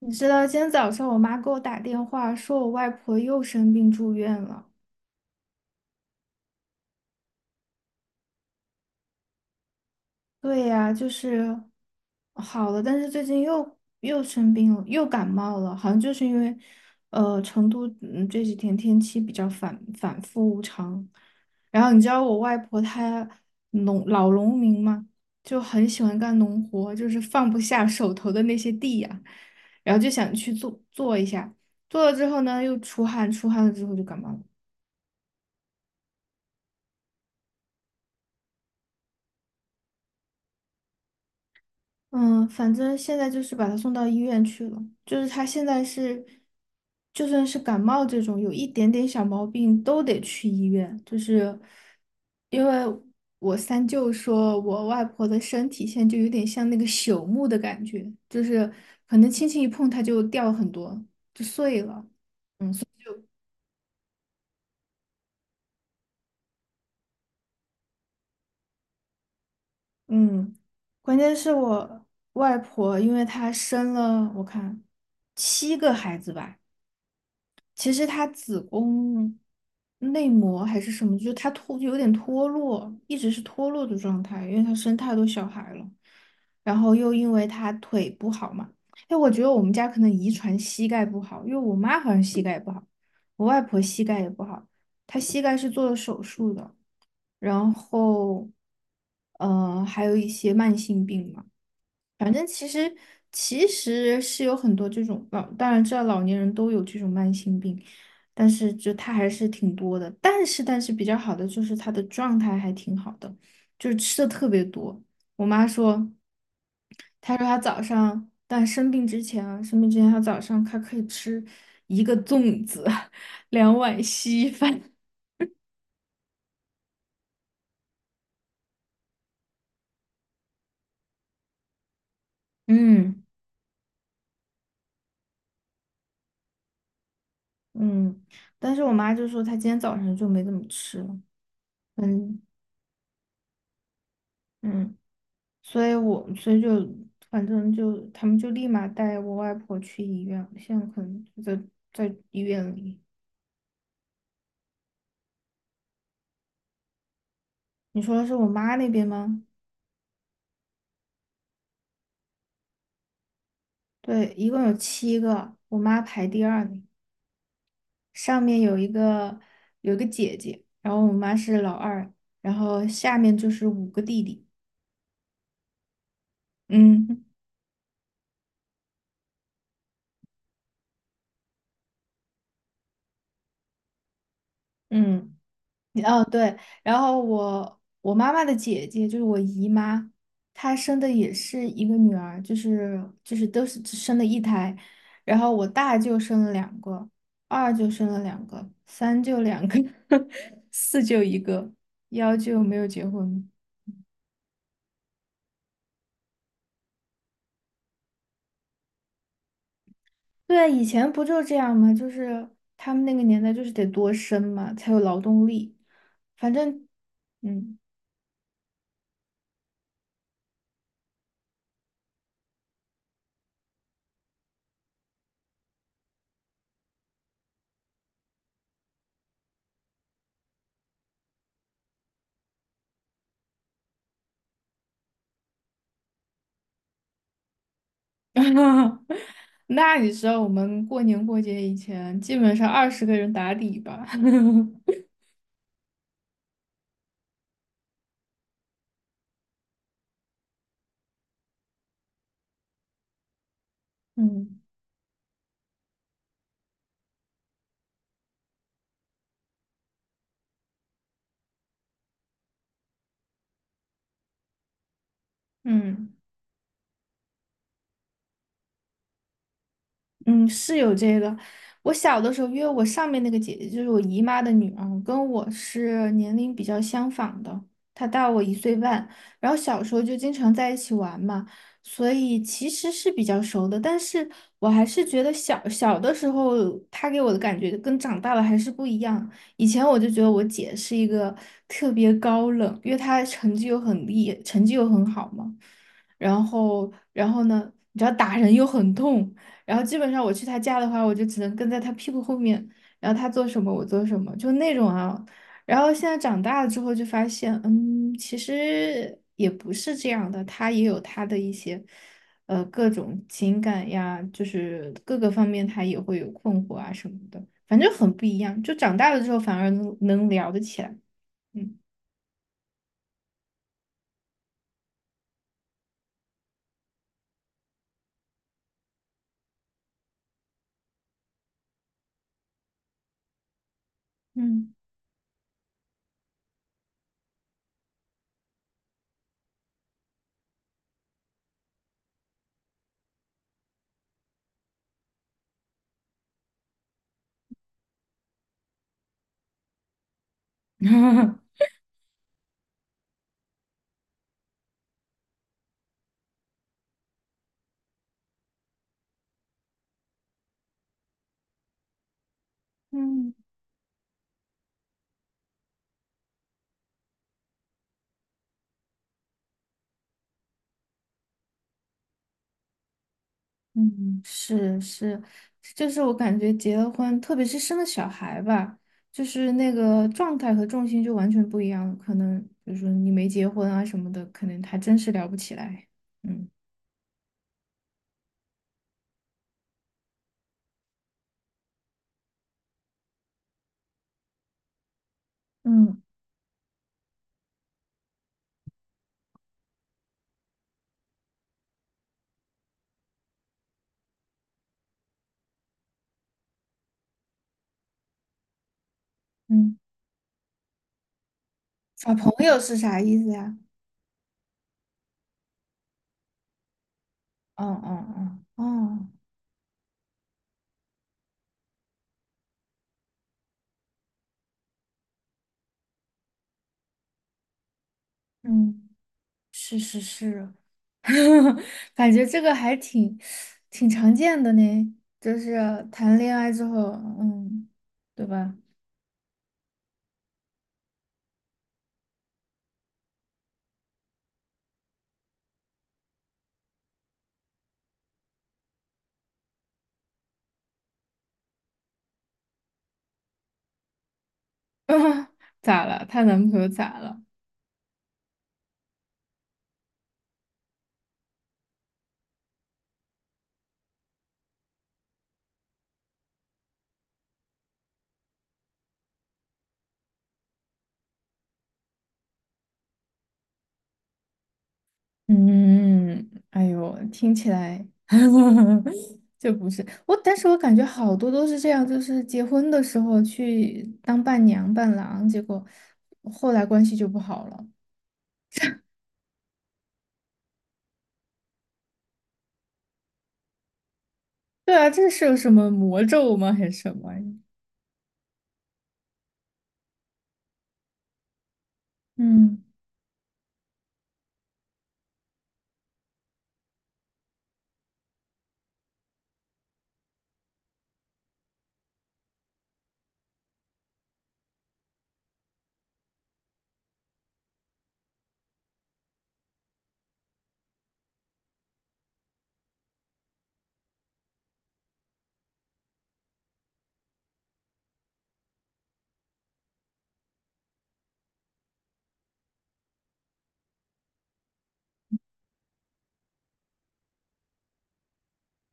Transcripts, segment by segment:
你知道今天早上我妈给我打电话，说我外婆又生病住院了。对呀，就是好了，但是最近又生病了，又感冒了，好像就是因为成都这几天天气比较反反复无常。然后你知道我外婆她老农民嘛，就很喜欢干农活，就是放不下手头的那些地呀、然后就想去做做一下，做了之后呢又出汗，出汗了之后就感冒了。嗯，反正现在就是把他送到医院去了。就是他现在是，就算是感冒这种有一点点小毛病都得去医院。就是因为我三舅说，我外婆的身体现在就有点像那个朽木的感觉，就是可能轻轻一碰它就掉很多，就碎了。嗯，关键是我外婆，因为她生了我看七个孩子吧。其实她子宫内膜还是什么，就她有点脱落，一直是脱落的状态，因为她生太多小孩了，然后又因为她腿不好嘛，哎，我觉得我们家可能遗传膝盖不好，因为我妈好像膝盖也不好，我外婆膝盖也不好，她膝盖是做了手术的，然后，还有一些慢性病嘛。反正其实其实是有很多这种老，当然知道老年人都有这种慢性病，但是就他还是挺多的。但是比较好的就是他的状态还挺好的，就是吃的特别多。我妈说，她说她早上，但生病之前啊，生病之前她早上她可以吃一个粽子，两碗稀饭。嗯嗯，但是我妈就说她今天早上就没怎么吃了。嗯。嗯所以我就反正就他们就立马带我外婆去医院，现在可能就在医院里。你说的是我妈那边吗？对，一共有七个，我妈排第二名，上面有一个姐姐，然后我妈是老二，然后下面就是五个弟弟。嗯 嗯。哦，对，然后我妈妈的姐姐就是我姨妈，她生的也是一个女儿，就是都是只生了一胎，然后我大舅生了两个，二舅生了两个，三舅两个，四舅一个，幺舅没有结婚。对，啊，以前不就这样吗？就是他们那个年代就是得多生嘛，才有劳动力。反正，嗯。那你知道我们过年过节以前，基本上二十个人打底吧？嗯。嗯。嗯，是有这个。我小的时候，因为我上面那个姐姐就是我姨妈的女儿，跟我是年龄比较相仿的，她大我一岁半。然后小时候就经常在一起玩嘛，所以其实是比较熟的。但是我还是觉得小小的时候，她给我的感觉跟长大了还是不一样。以前我就觉得我姐是一个特别高冷，因为她成绩又很厉，成绩又很好嘛。然后，然后呢，你知道打人又很痛。然后基本上我去他家的话，我就只能跟在他屁股后面，然后他做什么我做什么，就那种啊。然后现在长大了之后就发现，其实也不是这样的，他也有他的一些，各种情感呀，就是各个方面他也会有困惑啊什么的，反正很不一样。就长大了之后反而能聊得起来，嗯嗯 嗯。嗯，是是，就是我感觉结了婚，特别是生了小孩吧，就是那个状态和重心就完全不一样了。可能比如说你没结婚啊什么的，可能还真是聊不起来。嗯嗯。嗯耍朋友是啥意思呀？哦哦。哦哦，嗯，是是是，感觉这个挺常见的呢，就是谈恋爱之后，嗯，对吧？啊，咋了？她男朋友咋了？嗯，哎呦，听起来 就不是我，但是我感觉好多都是这样，就是结婚的时候去当伴娘伴郎，结果后来关系就不好了。对啊，这是有什么魔咒吗？还是什么？嗯，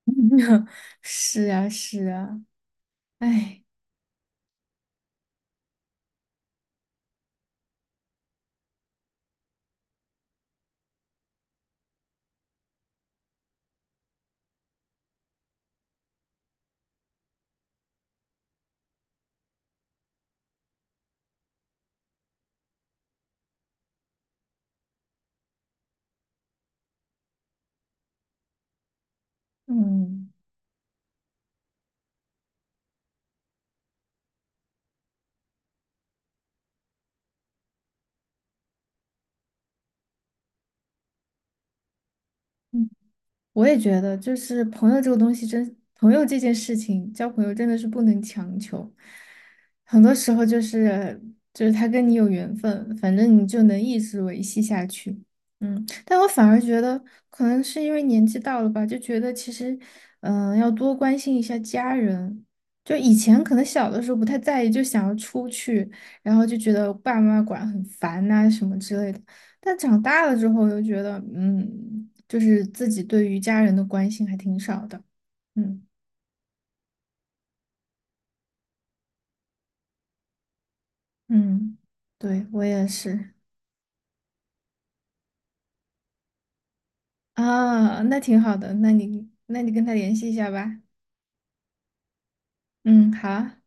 是啊，是啊，哎，嗯。嗯我也觉得，就是朋友这个东西真，朋友这件事情，交朋友真的是不能强求。很多时候就是他跟你有缘分，反正你就能一直维系下去。嗯，但我反而觉得，可能是因为年纪到了吧，就觉得其实，嗯、要多关心一下家人。就以前可能小的时候不太在意，就想要出去，然后就觉得爸妈管很烦呐、什么之类的。但长大了之后，又觉得，嗯。就是自己对于家人的关心还挺少的。嗯嗯，对，我也是。啊，那挺好的，那你那你跟他联系一下吧。嗯，好啊